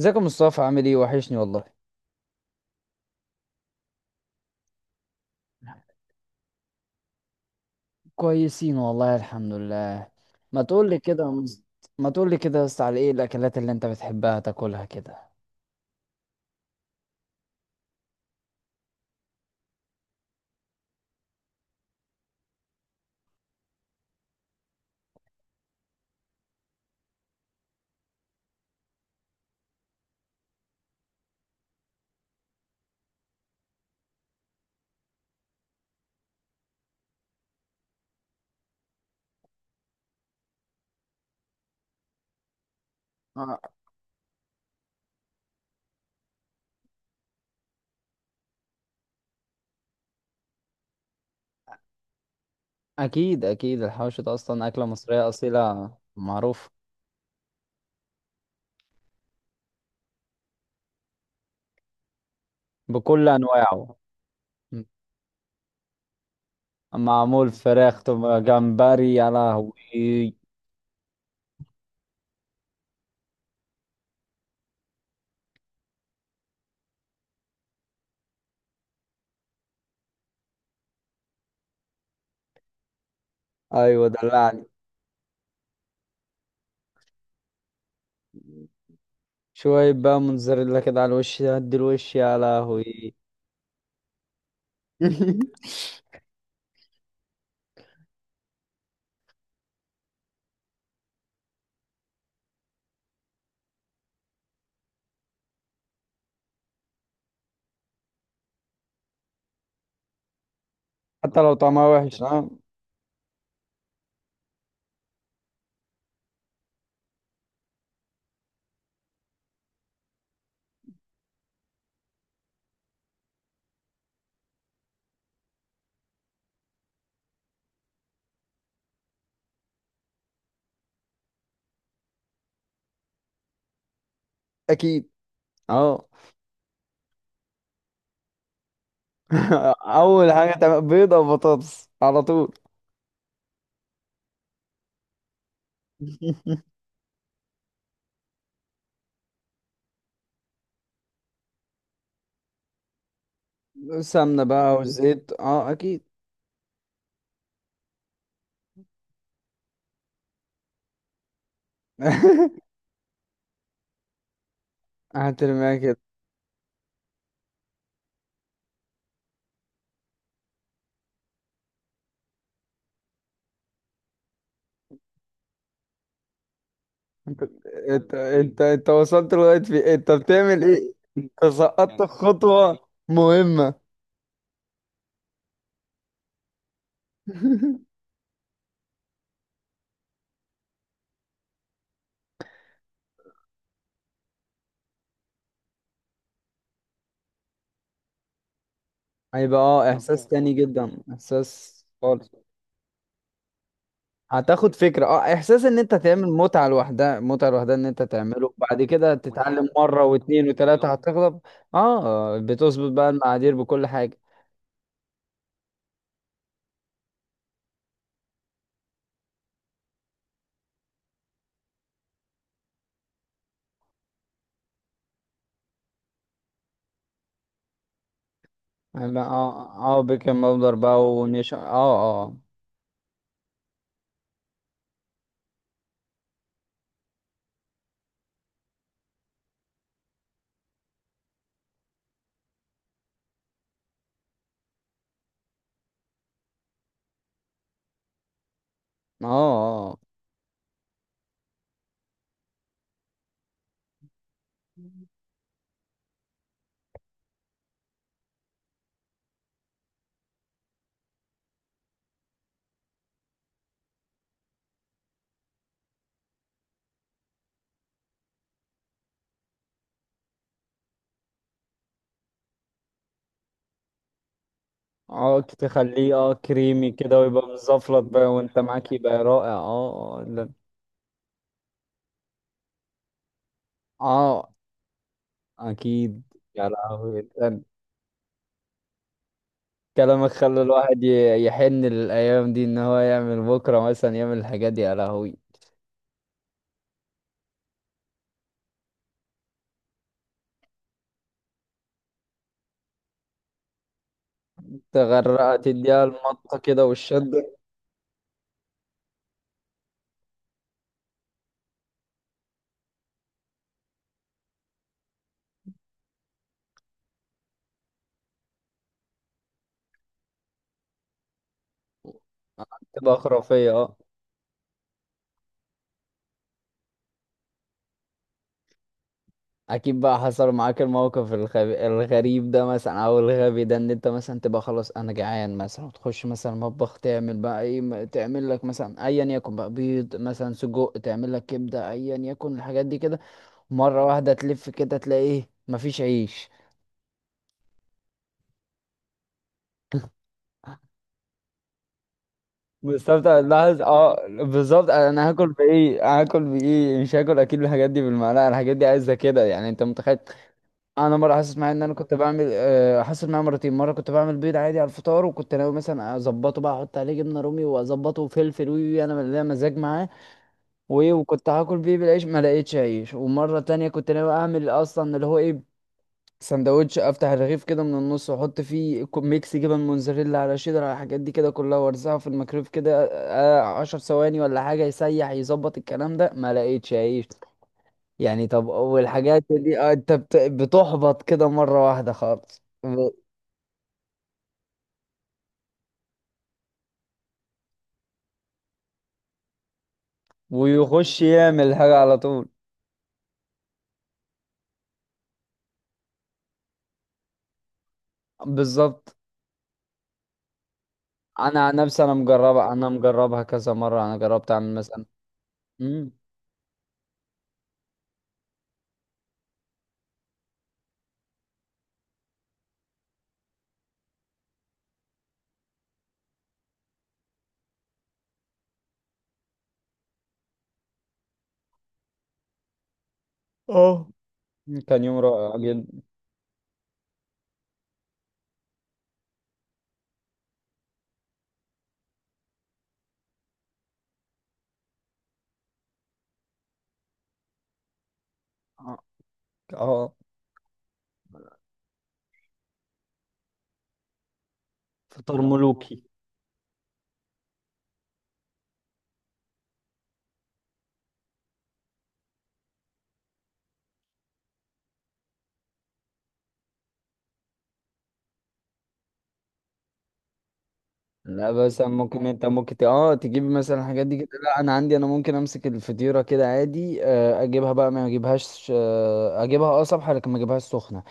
ازيك يا مصطفى، عامل ايه؟ وحشني والله. كويسين والله، الحمد لله. ما تقول لي كده يا مص- ما تقول لي كده، بس على ايه الاكلات اللي انت بتحبها تاكلها كده؟ آه، اكيد اكيد، الحوش ده اصلا اكله مصريه اصيله معروفه، بكل انواعه. م. معمول فراخ، طب جمبري، يا لهوي! ايوه دلعني، شويه بقى موتزاريلا كده على الوش، هدي الوش يا لهوي. حتى لو طعمها وحش، اه. اكيد، اه. اول حاجه تعمل بيضه وبطاطس على طول. سمنه بقى والزيت، اه اكيد. هترميها كده؟ انت انت وصلت لغايه في إيه؟ انت بتعمل ايه؟ انت سقطت في خطوه مهمه. هيبقى اه، احساس تاني جدا، احساس خالص. هتاخد فكره، احساس ان انت تعمل، متعه لوحدها، متعه لوحدها، ان انت تعمله بعد كده تتعلم مره واتنين وتلاته هتغلب. اه، بتظبط بقى المقادير بكل حاجه. هيبقى بيكنج باودر بقى ونشا. اه اه اه اه تخليه كريمي كده، ويبقى مزفلط بقى وانت معاك، يبقى رائع اه اه. اه اكيد. يا لهوي، كلامك خلى الواحد يحن للايام دي، ان هو يعمل بكره مثلا، يعمل الحاجات دي يا لهوي. تغرقها، تديها المطه كده والشده، تبقى خرافيه اه. اكيد بقى حصل معاك الموقف الغريب ده، مثلا، او الغبي ده، ان انت مثلا تبقى خلاص انا جعان مثلا، وتخش مثلا المطبخ تعمل بقى ايه، تعمل لك مثلا ايا يكن بقى، بيض مثلا، سجق، تعمل لك كبده، ايا يكن الحاجات دي كده. مره واحده تلف كده، تلاقي ايه؟ مفيش عيش! مستمتع اللحظة، اه بالظبط. انا هاكل بايه؟ هاكل بايه؟ مش هاكل اكيد. الحاجات دي بالمعلقه، الحاجات دي عايزه كده، يعني انت متخيل. انا مره حاسس معايا ان انا كنت بعمل، آه، حصل معايا مرتين. مره كنت بعمل بيض عادي على الفطار، وكنت ناوي مثلا اظبطه بقى، احط عليه جبنه رومي واظبطه وفلفل، وي وي انا ليا مزاج معاه، وايه، وكنت هاكل بيه بالعيش، ما لقيتش عيش. ومره تانية كنت ناوي اعمل اصلا اللي هو ايه، سندوتش، افتح الرغيف كده من النص، واحط فيه ميكس، جبن موزاريلا على شيدر على الحاجات دي كده كلها، وارزعه في الميكرويف كده آه، 10 ثواني ولا حاجه، يسيح يظبط الكلام ده. ما لقيتش عيش. يعني طب والحاجات دي آه، انت بتحبط كده مرة واحدة خالص. ويخش يعمل حاجة على طول. بالظبط. انا عن نفسي، انا مجربة، انا مجربها كذا مرة، انا جربت اعمل مثلا. مم. اه، كان يوم رائع جدا. اه، آه، فطار ملوكي. لا، بس ممكن انت ممكن تجيب مثلا الحاجات دي كده، لا انا عندي، انا ممكن امسك الفطيره كده عادي، آه، اجيبها بقى، ما اجيبهاش، آه، اجيبها اه صبحه، لكن ما اجيبهاش سخنه،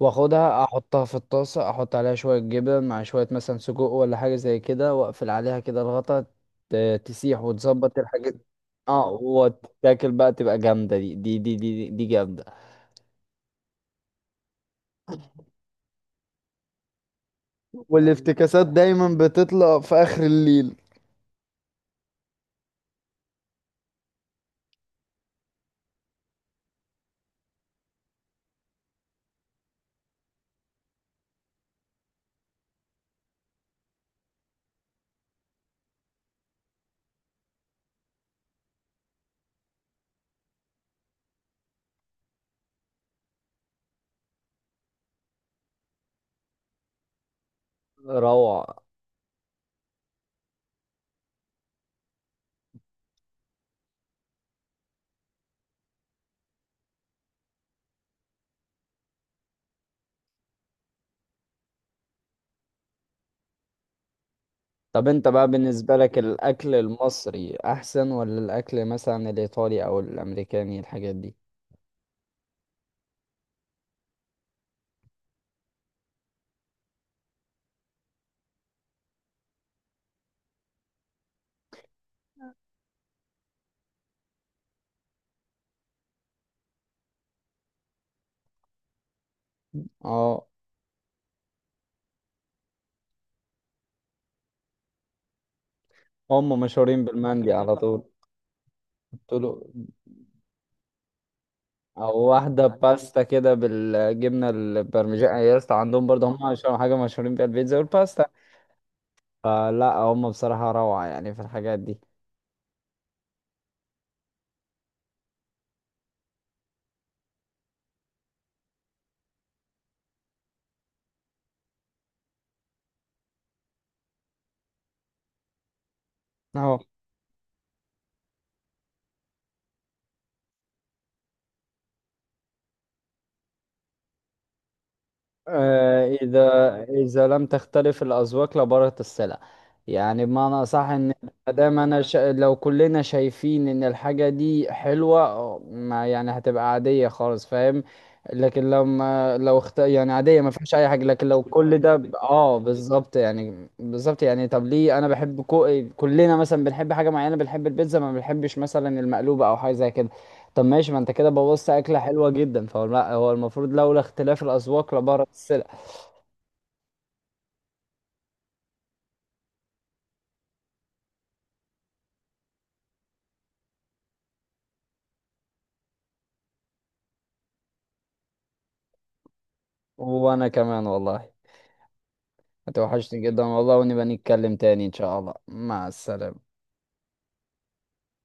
واخدها احطها في الطاسة، احط عليها شوية جبن مع شوية مثلا سجق ولا حاجة زي كده، واقفل عليها كده الغطا، تسيح وتظبط الحاجات، اه، وتاكل بقى تبقى جامدة، دي جامدة. والافتكاسات دايما بتطلع في آخر الليل. روعة. طب انت بقى بالنسبة لك، الاكل المصري احسن، ولا الاكل مثلا الايطالي او الامريكاني الحاجات دي؟ اه، هم مشهورين بالمندي على طول. قلت له، او واحده عندهم باستا كده بالجبنه البرمجان، يا اسطى عندهم برضه، هم اشهر حاجه مشهورين بيها البيتزا والباستا. فلا هم بصراحه روعه، يعني في الحاجات دي. اهو. آه، إذا لم تختلف الأذواق لبارت السلع. يعني بمعنى أصح، إن مادام أنا لو كلنا شايفين إن الحاجة دي حلوة آه، ما يعني هتبقى عادية خالص، فاهم. لكن لما لو يعني عادية ما فيهاش أي حاجة، لكن لو كل ده بالظبط يعني، طب ليه أنا بحب كلنا مثلا بنحب حاجة معينة، بنحب البيتزا ما بنحبش مثلا المقلوبة أو حاجة زي كده. طب ماشي، ما انت كده بوظت اكله حلوه جدا، فهو لا، هو المفروض لولا اختلاف الاذواق لبارت السلع. وانا كمان والله، هتوحشني جدا والله، ونبقى نتكلم تاني ان شاء الله. مع السلامه.